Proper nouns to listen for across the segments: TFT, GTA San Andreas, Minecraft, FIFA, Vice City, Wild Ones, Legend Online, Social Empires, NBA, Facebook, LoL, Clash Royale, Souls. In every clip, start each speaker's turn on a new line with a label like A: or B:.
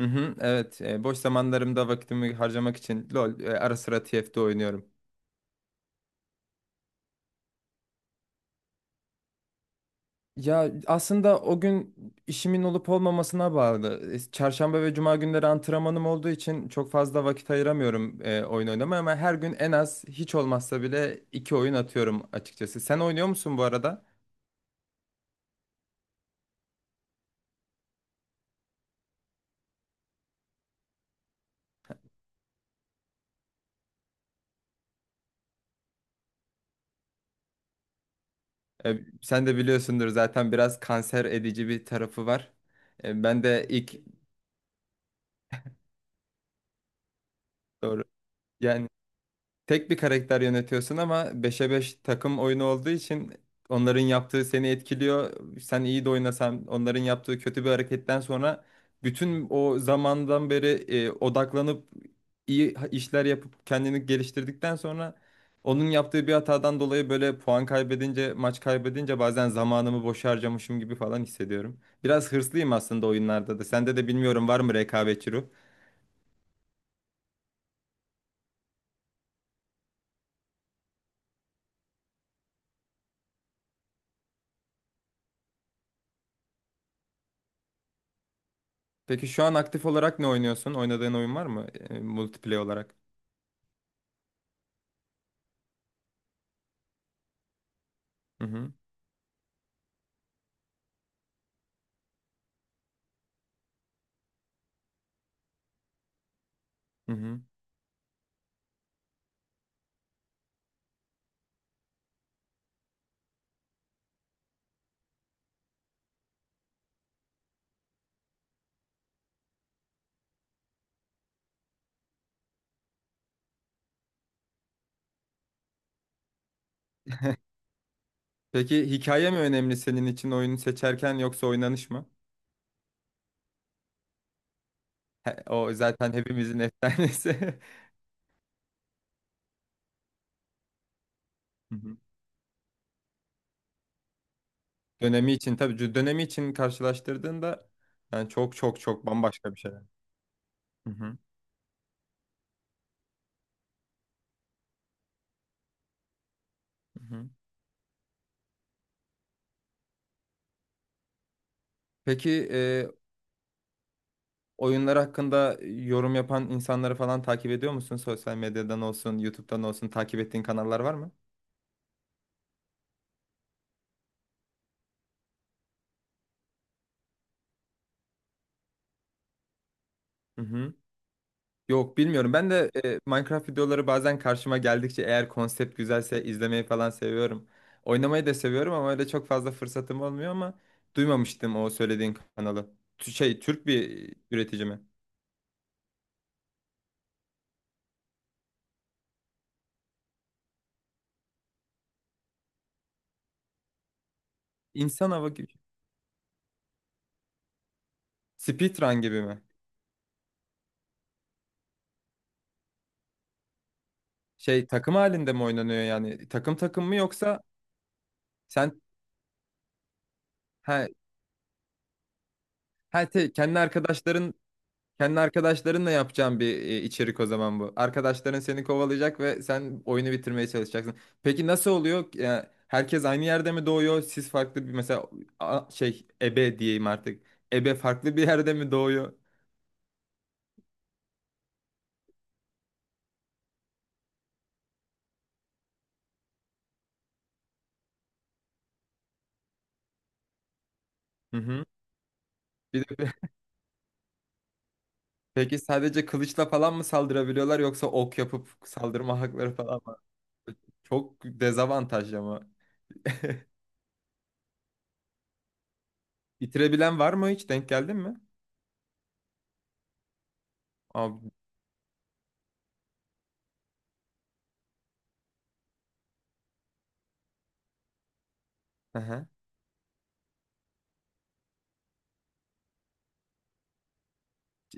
A: Hı hı, evet. Boş zamanlarımda vakitimi harcamak için LoL ara sıra TFT oynuyorum. Ya aslında o gün işimin olup olmamasına bağlı. Çarşamba ve cuma günleri antrenmanım olduğu için çok fazla vakit ayıramıyorum oyun oynamaya ama her gün en az hiç olmazsa bile iki oyun atıyorum açıkçası. Sen oynuyor musun bu arada? Sen de biliyorsundur zaten biraz kanser edici bir tarafı var. E, ben de ilk Doğru. Yani tek bir karakter yönetiyorsun ama beşe 5 takım oyunu olduğu için onların yaptığı seni etkiliyor. Sen iyi de oynasan onların yaptığı kötü bir hareketten sonra bütün o zamandan beri odaklanıp iyi işler yapıp kendini geliştirdikten sonra onun yaptığı bir hatadan dolayı böyle puan kaybedince, maç kaybedince bazen zamanımı boşa harcamışım gibi falan hissediyorum. Biraz hırslıyım aslında oyunlarda da. Sende de bilmiyorum var mı rekabetçi. Peki şu an aktif olarak ne oynuyorsun? Oynadığın oyun var mı? Multiplayer olarak. Hı hı. Hı hı. Peki hikaye mi önemli senin için oyunu seçerken yoksa oynanış mı? O zaten hepimizin efsanesi. Hı hı. Dönemi için tabii, dönemi için karşılaştırdığında yani çok çok çok bambaşka bir şey. Hı hı. Hı hı. Peki, oyunlar hakkında yorum yapan insanları falan takip ediyor musun? Sosyal medyadan olsun, YouTube'dan olsun takip ettiğin kanallar var mı? Hı hı. Yok, bilmiyorum. Ben de Minecraft videoları bazen karşıma geldikçe eğer konsept güzelse izlemeyi falan seviyorum. Oynamayı da seviyorum ama öyle çok fazla fırsatım olmuyor ama duymamıştım o söylediğin kanalı. Şey, Türk bir üretici mi? İnsan hava gibi. Speedrun gibi mi? Şey, takım halinde mi oynanıyor yani? Takım takım mı yoksa sen ha, ha te- kendi arkadaşların? Kendi arkadaşlarınla yapacağım bir içerik o zaman bu. Arkadaşların seni kovalayacak ve sen oyunu bitirmeye çalışacaksın. Peki nasıl oluyor? Yani herkes aynı yerde mi doğuyor? Siz farklı bir, mesela şey, ebe diyeyim artık. Ebe farklı bir yerde mi doğuyor? Hı hı. Bir de Peki sadece kılıçla falan mı saldırabiliyorlar yoksa ok yapıp saldırma hakları falan var mı? Çok dezavantaj ama. Bitirebilen var mı hiç? Denk geldin mi? Abi. Aha.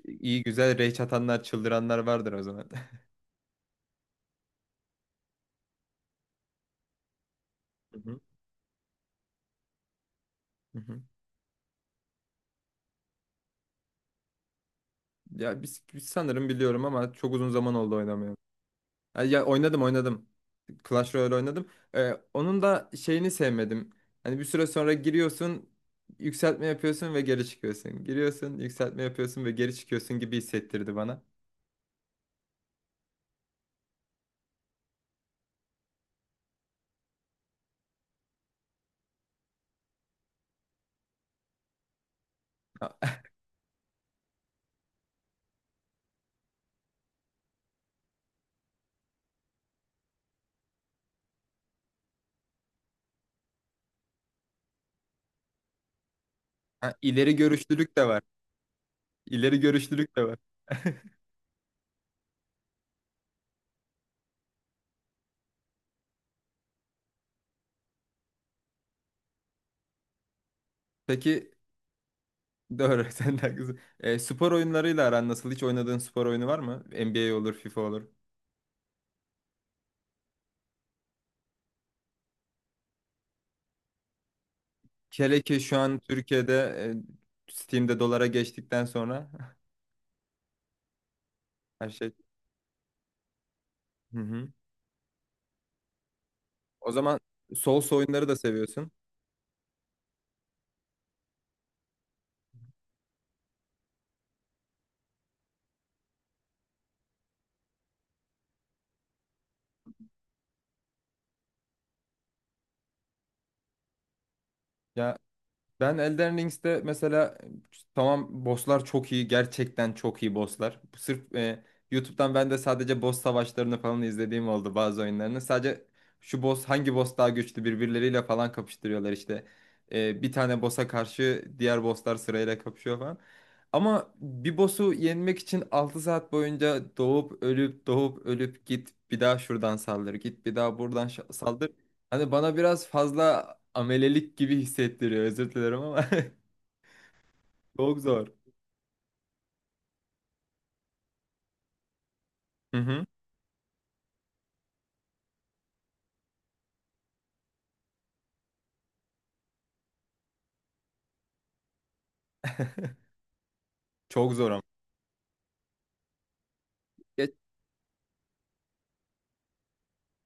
A: İyi, güzel. Rage atanlar, çıldıranlar vardır o zaman. Hı hı. Hı hı. Ya biz sanırım biliyorum ama çok uzun zaman oldu oynamaya. Ha, ya, oynadım oynadım. Clash Royale oynadım. Onun da şeyini sevmedim. Hani bir süre sonra giriyorsun, yükseltme yapıyorsun ve geri çıkıyorsun. Giriyorsun, yükseltme yapıyorsun ve geri çıkıyorsun gibi hissettirdi bana. Ha, ha, ileri görüşlülük de var. İleri görüşlülük de var. Peki doğru. Sen de haklısın. Spor oyunlarıyla aran nasıl? Hiç oynadığın spor oyunu var mı? NBA olur, FIFA olur. Hele ki şu an Türkiye'de Steam'de dolara geçtikten sonra her şey. Hı hı. O zaman Souls oyunları da seviyorsun. Ya, ben Elden Rings'te mesela, tamam, bosslar çok iyi. Gerçekten çok iyi bosslar. Sırf YouTube'dan ben de sadece boss savaşlarını falan izlediğim oldu bazı oyunlarını. Sadece şu boss hangi boss daha güçlü birbirleriyle falan kapıştırıyorlar işte. Bir tane boss'a karşı diğer bosslar sırayla kapışıyor falan. Ama bir boss'u yenmek için 6 saat boyunca doğup ölüp doğup ölüp git bir daha şuradan saldır, git bir daha buradan saldır. Hani bana biraz fazla amelelik gibi hissettiriyor. Özür dilerim ama çok zor. Hı hı. Çok zor ama. Ge-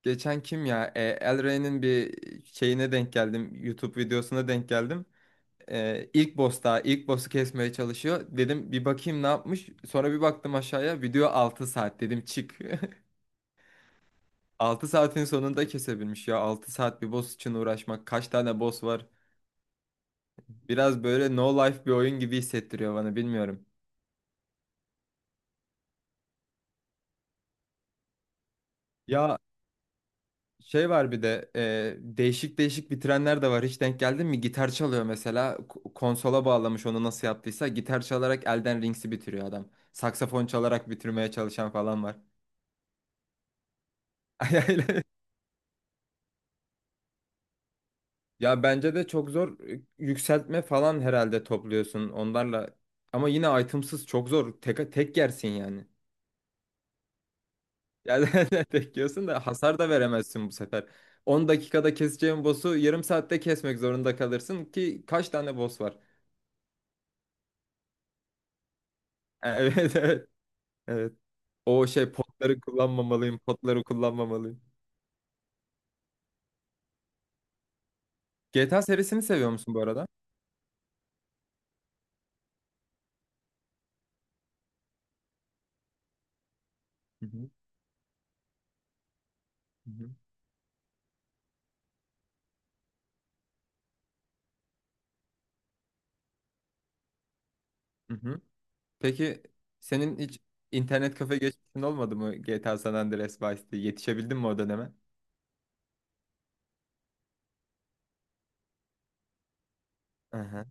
A: Geçen kim ya? El Rey'nin bir şeyine denk geldim. YouTube videosuna denk geldim. İlk boss'ta ilk boss'u kesmeye çalışıyor. Dedim bir bakayım ne yapmış. Sonra bir baktım aşağıya. Video 6 saat. Dedim çık. 6 saatin sonunda kesebilmiş ya. 6 saat bir boss için uğraşmak. Kaç tane boss var? Biraz böyle no life bir oyun gibi hissettiriyor bana, bilmiyorum. Ya. Şey var bir de, değişik değişik bitirenler de var. Hiç denk geldin mi? Gitar çalıyor mesela. Konsola bağlamış onu nasıl yaptıysa. Gitar çalarak Elden Rings'i bitiriyor adam. Saksafon çalarak bitirmeye çalışan falan var. Ayağıyla- Ya bence de çok zor, yükseltme falan herhalde topluyorsun onlarla. Ama yine itemsız çok zor. Tek, tek yersin yani. Yani tek yiyorsun da hasar da veremezsin bu sefer. 10 dakikada keseceğin boss'u yarım saatte kesmek zorunda kalırsın ki kaç tane boss var? Evet, evet. Evet. O şey, potları kullanmamalıyım, potları kullanmamalıyım. GTA serisini seviyor musun bu arada? Hı hı. Hı hı. Hı hı. Peki senin hiç internet kafe geçmişin olmadı mı, GTA San Andreas, Vice City? Yetişebildin mi o döneme? Hı hı.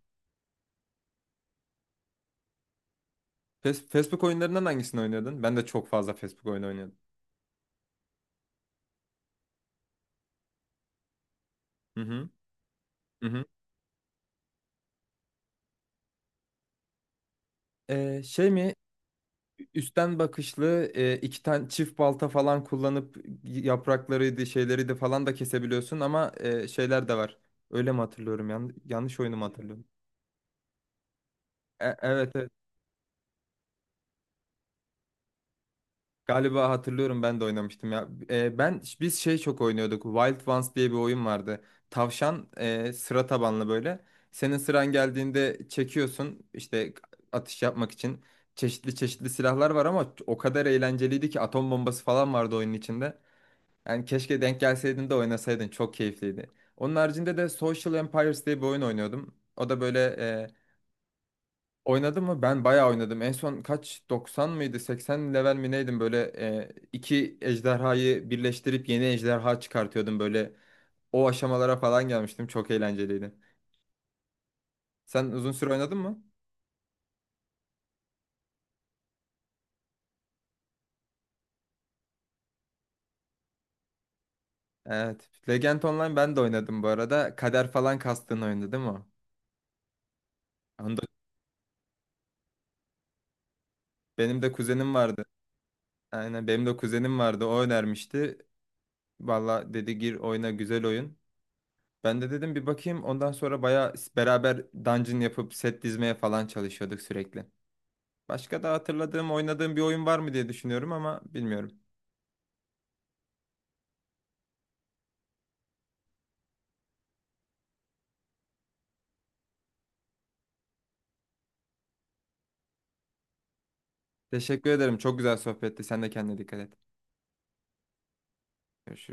A: Facebook oyunlarından hangisini oynuyordun? Ben de çok fazla Facebook oyunu oynuyordum. Hı hı. Hı hı. Şey mi? Üstten bakışlı, iki tane çift balta falan kullanıp yapraklarıydı, şeyleri de falan da kesebiliyorsun ama şeyler de var. Öyle mi hatırlıyorum? Yanlış oyunu mu hatırlıyorum? Evet, evet. Galiba hatırlıyorum, ben de oynamıştım ya. E, ben Biz şey çok oynuyorduk. Wild Ones diye bir oyun vardı. Tavşan, sıra tabanlı böyle. Senin sıran geldiğinde çekiyorsun işte atış yapmak için. Çeşitli çeşitli silahlar var ama o kadar eğlenceliydi ki atom bombası falan vardı oyunun içinde. Yani keşke denk gelseydin de oynasaydın. Çok keyifliydi. Onun haricinde de Social Empires diye bir oyun oynuyordum. O da böyle, oynadım mı? Ben bayağı oynadım. En son kaç, 90 mıydı? 80 level mi neydim? Böyle, iki ejderhayı birleştirip yeni ejderha çıkartıyordum böyle. O aşamalara falan gelmiştim. Çok eğlenceliydi. Sen uzun süre oynadın mı? Evet. Legend Online ben de oynadım bu arada. Kader falan kastığın oyundu değil mi o? Onda benim de kuzenim vardı. Aynen, benim de kuzenim vardı. O önermişti. Valla dedi gir oyna, güzel oyun. Ben de dedim bir bakayım. Ondan sonra baya beraber dungeon yapıp set dizmeye falan çalışıyorduk sürekli. Başka da hatırladığım, oynadığım bir oyun var mı diye düşünüyorum ama bilmiyorum. Teşekkür ederim. Çok güzel sohbetti. Sen de kendine dikkat et. Görüşürüz.